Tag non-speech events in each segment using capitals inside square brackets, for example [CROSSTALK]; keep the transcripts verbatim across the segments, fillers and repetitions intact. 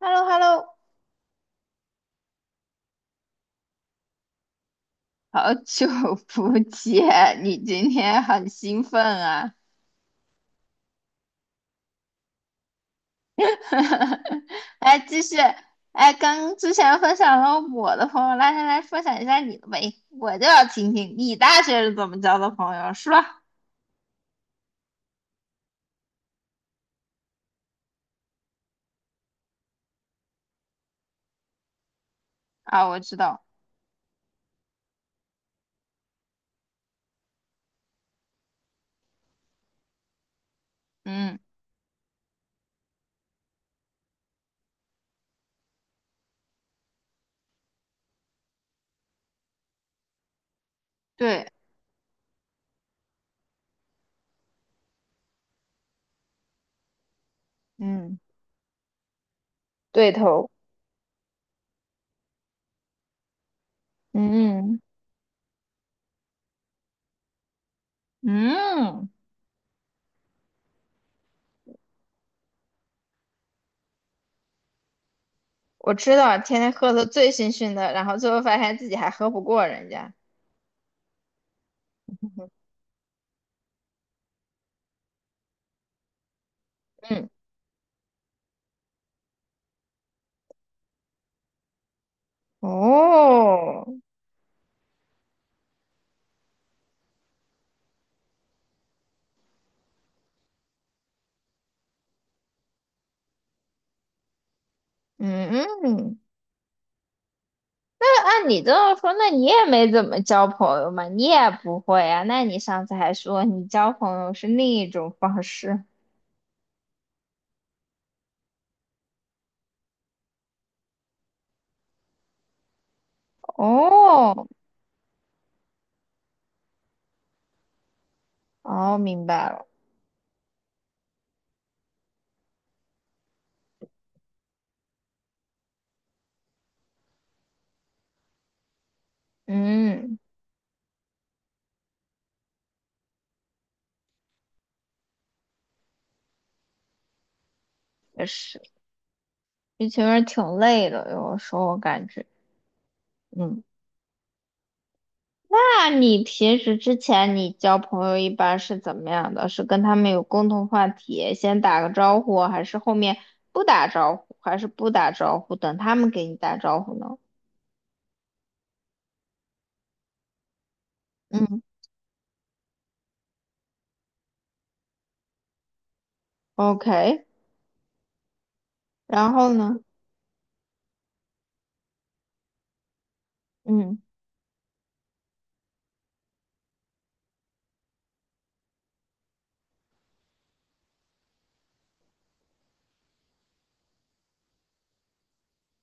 h e l l o h e l l o 好久不见，你今天很兴奋啊！[LAUGHS] 哎，继续，哎，刚之前分享了我的朋友，来来来，分享一下你的呗，我就要听听你大学是怎么交的朋友，是吧？啊，我知道。嗯。对。嗯。对头。嗯。嗯我知道，天天喝的醉醺醺的，然后最后发现自己还喝不过人家。嗯。哦。嗯嗯。按你这么说，那你也没怎么交朋友嘛，你也不会啊。那你上次还说你交朋友是另一种方式。哦。哦，明白了。嗯。也是，一群人挺累的，有时候我感觉。嗯，那你平时之前你交朋友一般是怎么样的？是跟他们有共同话题，先打个招呼，还是后面不打招呼，还是不打招呼，等他们给你打招呼呢？嗯，OK，然后呢？嗯。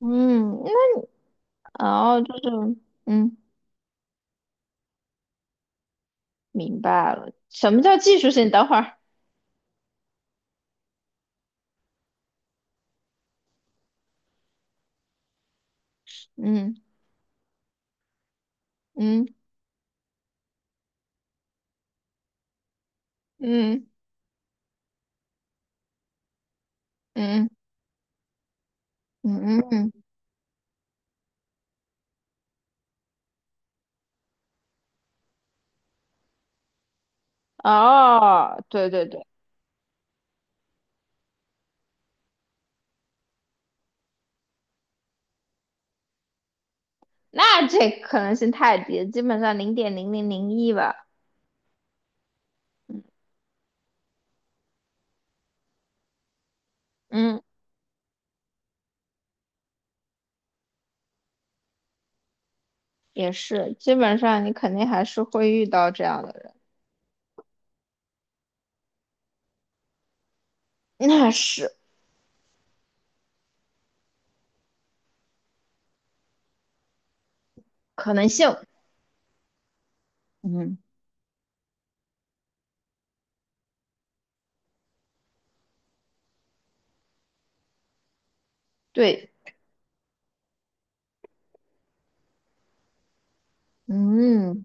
嗯，因为哦，就是嗯，明白了，什么叫技术性？等会儿。嗯嗯嗯嗯嗯嗯。哦，对对对。那这可能性太低了基本上零点零零零一吧。嗯，也是，基本上你肯定还是会遇到这样的人。那是可能性。嗯。对。嗯，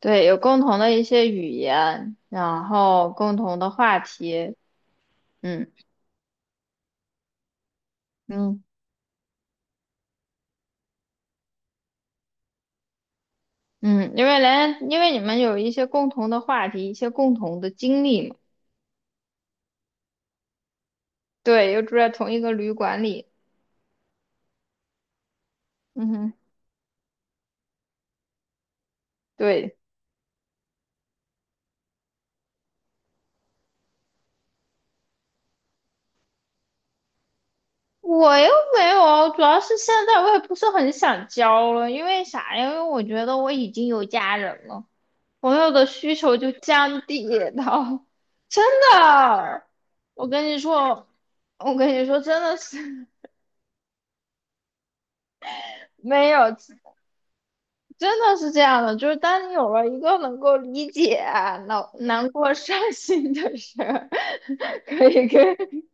对，有共同的一些语言，然后共同的话题。嗯。嗯。嗯，因为连因为你们有一些共同的话题，一些共同的经历嘛。对，又住在同一个旅馆里。嗯哼。对。我又没有，主要是现在我也不是很想交了，因为啥呀？因为我觉得我已经有家人了，朋友的需求就降低到。[LAUGHS] 真的，我跟你说，我跟你说，真的是。 [LAUGHS] 没有，真的是这样的，就是当你有了一个能够理解难难过、伤心的事儿，[LAUGHS] 可以可以。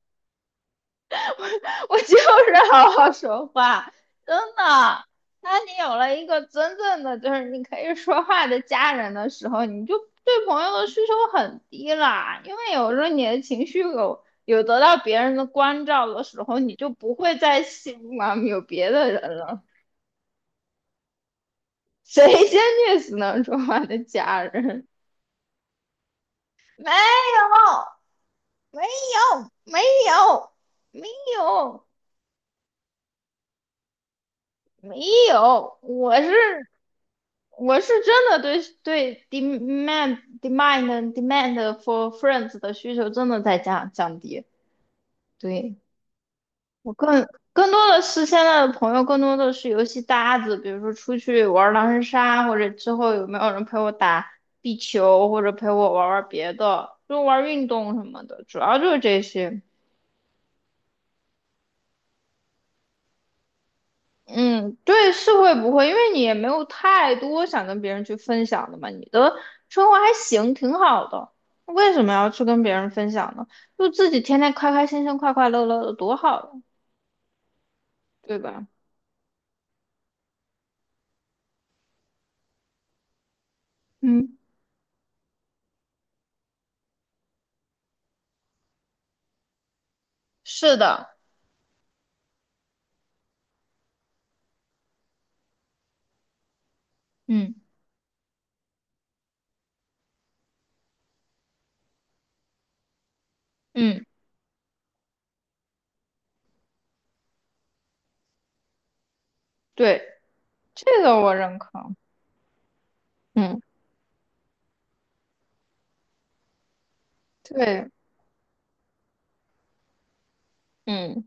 [LAUGHS] 我就是好好说话，真的。当你有了一个真正的就是你可以说话的家人的时候，你就对朋友的需求很低啦，因为有时候你的情绪有有得到别人的关照的时候，你就不会再希望 [LAUGHS] 有别的人了。谁先虐死能说话的家人？没有，没有，没有，没有，没有，我是我是真的对对 demand demand d demand for friends 的需求真的在降降低。对，我更更多的是现在的朋友，更多的是游戏搭子，比如说出去玩狼人杀，或者之后有没有人陪我打壁球，或者陪我玩玩别的，就玩运动什么的，主要就是这些。嗯，对，是会不会？因为你也没有太多想跟别人去分享的嘛，你的生活还行，挺好的，为什么要去跟别人分享呢？就自己天天开开心心、快快乐乐的，多好呀，对吧？嗯，是的。嗯嗯。对，这个我认可。嗯。对。嗯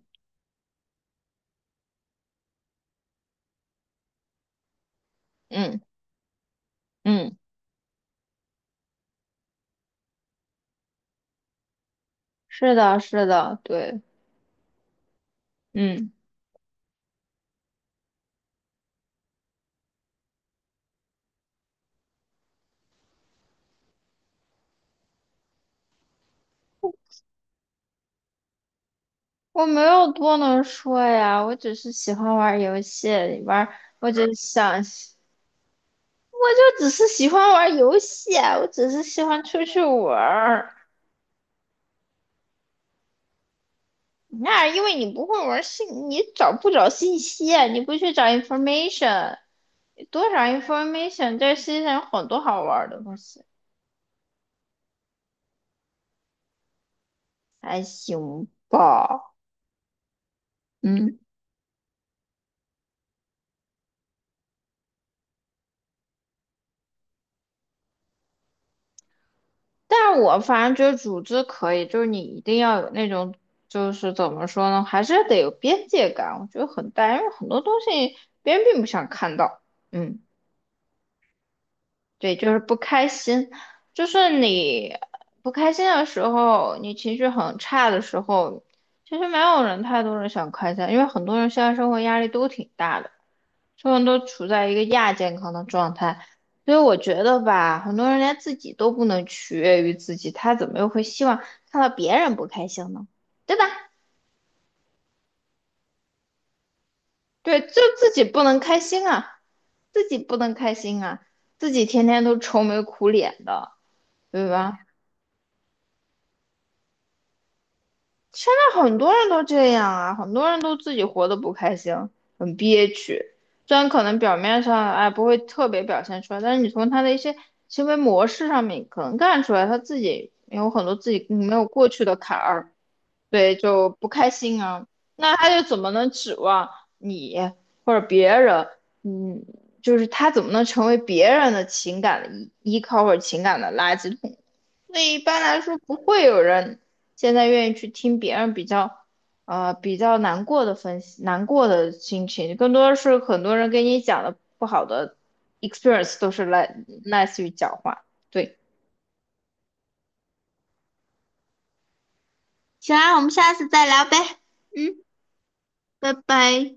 嗯嗯。是的，是的，对。嗯。我没有多能说呀，我只是喜欢玩游戏，玩，我只是想。我就只是喜欢玩游戏啊，我只是喜欢出去玩儿。那因为你不会玩信，你找不找信息啊？你不去找 information，多找 information，这世界上有很多好玩的东西，还行吧。嗯，但我反正觉得组织可以，就是你一定要有那种，就是怎么说呢，还是得有边界感。我觉得很大，因为很多东西别人并不想看到。嗯。对，就是不开心，就是你不开心的时候，你情绪很差的时候，其实没有人太多人想开心，因为很多人现在生活压力都挺大的，所有人都处在一个亚健康的状态，所以我觉得吧，很多人连自己都不能取悦于自己，他怎么又会希望看到别人不开心呢？对吧？对，就自己不能开心啊，自己不能开心啊，自己天天都愁眉苦脸的，对吧？在很多人都这样啊，很多人都自己活得不开心，很憋屈。虽然可能表面上哎不会特别表现出来，但是你从他的一些行为模式上面可能看出来，他自己有很多自己没有过去的坎儿，对，就不开心啊。那他又怎么能指望你或者别人？嗯，就是他怎么能成为别人的情感的依依靠或者情感的垃圾桶？所以一般来说不会有人现在愿意去听别人比较，呃，比较难过的分析，难过的心情，更多是很多人给你讲的不好的 experience 都是来类似于讲话。对，行啊，我们下次再聊呗。嗯，拜拜。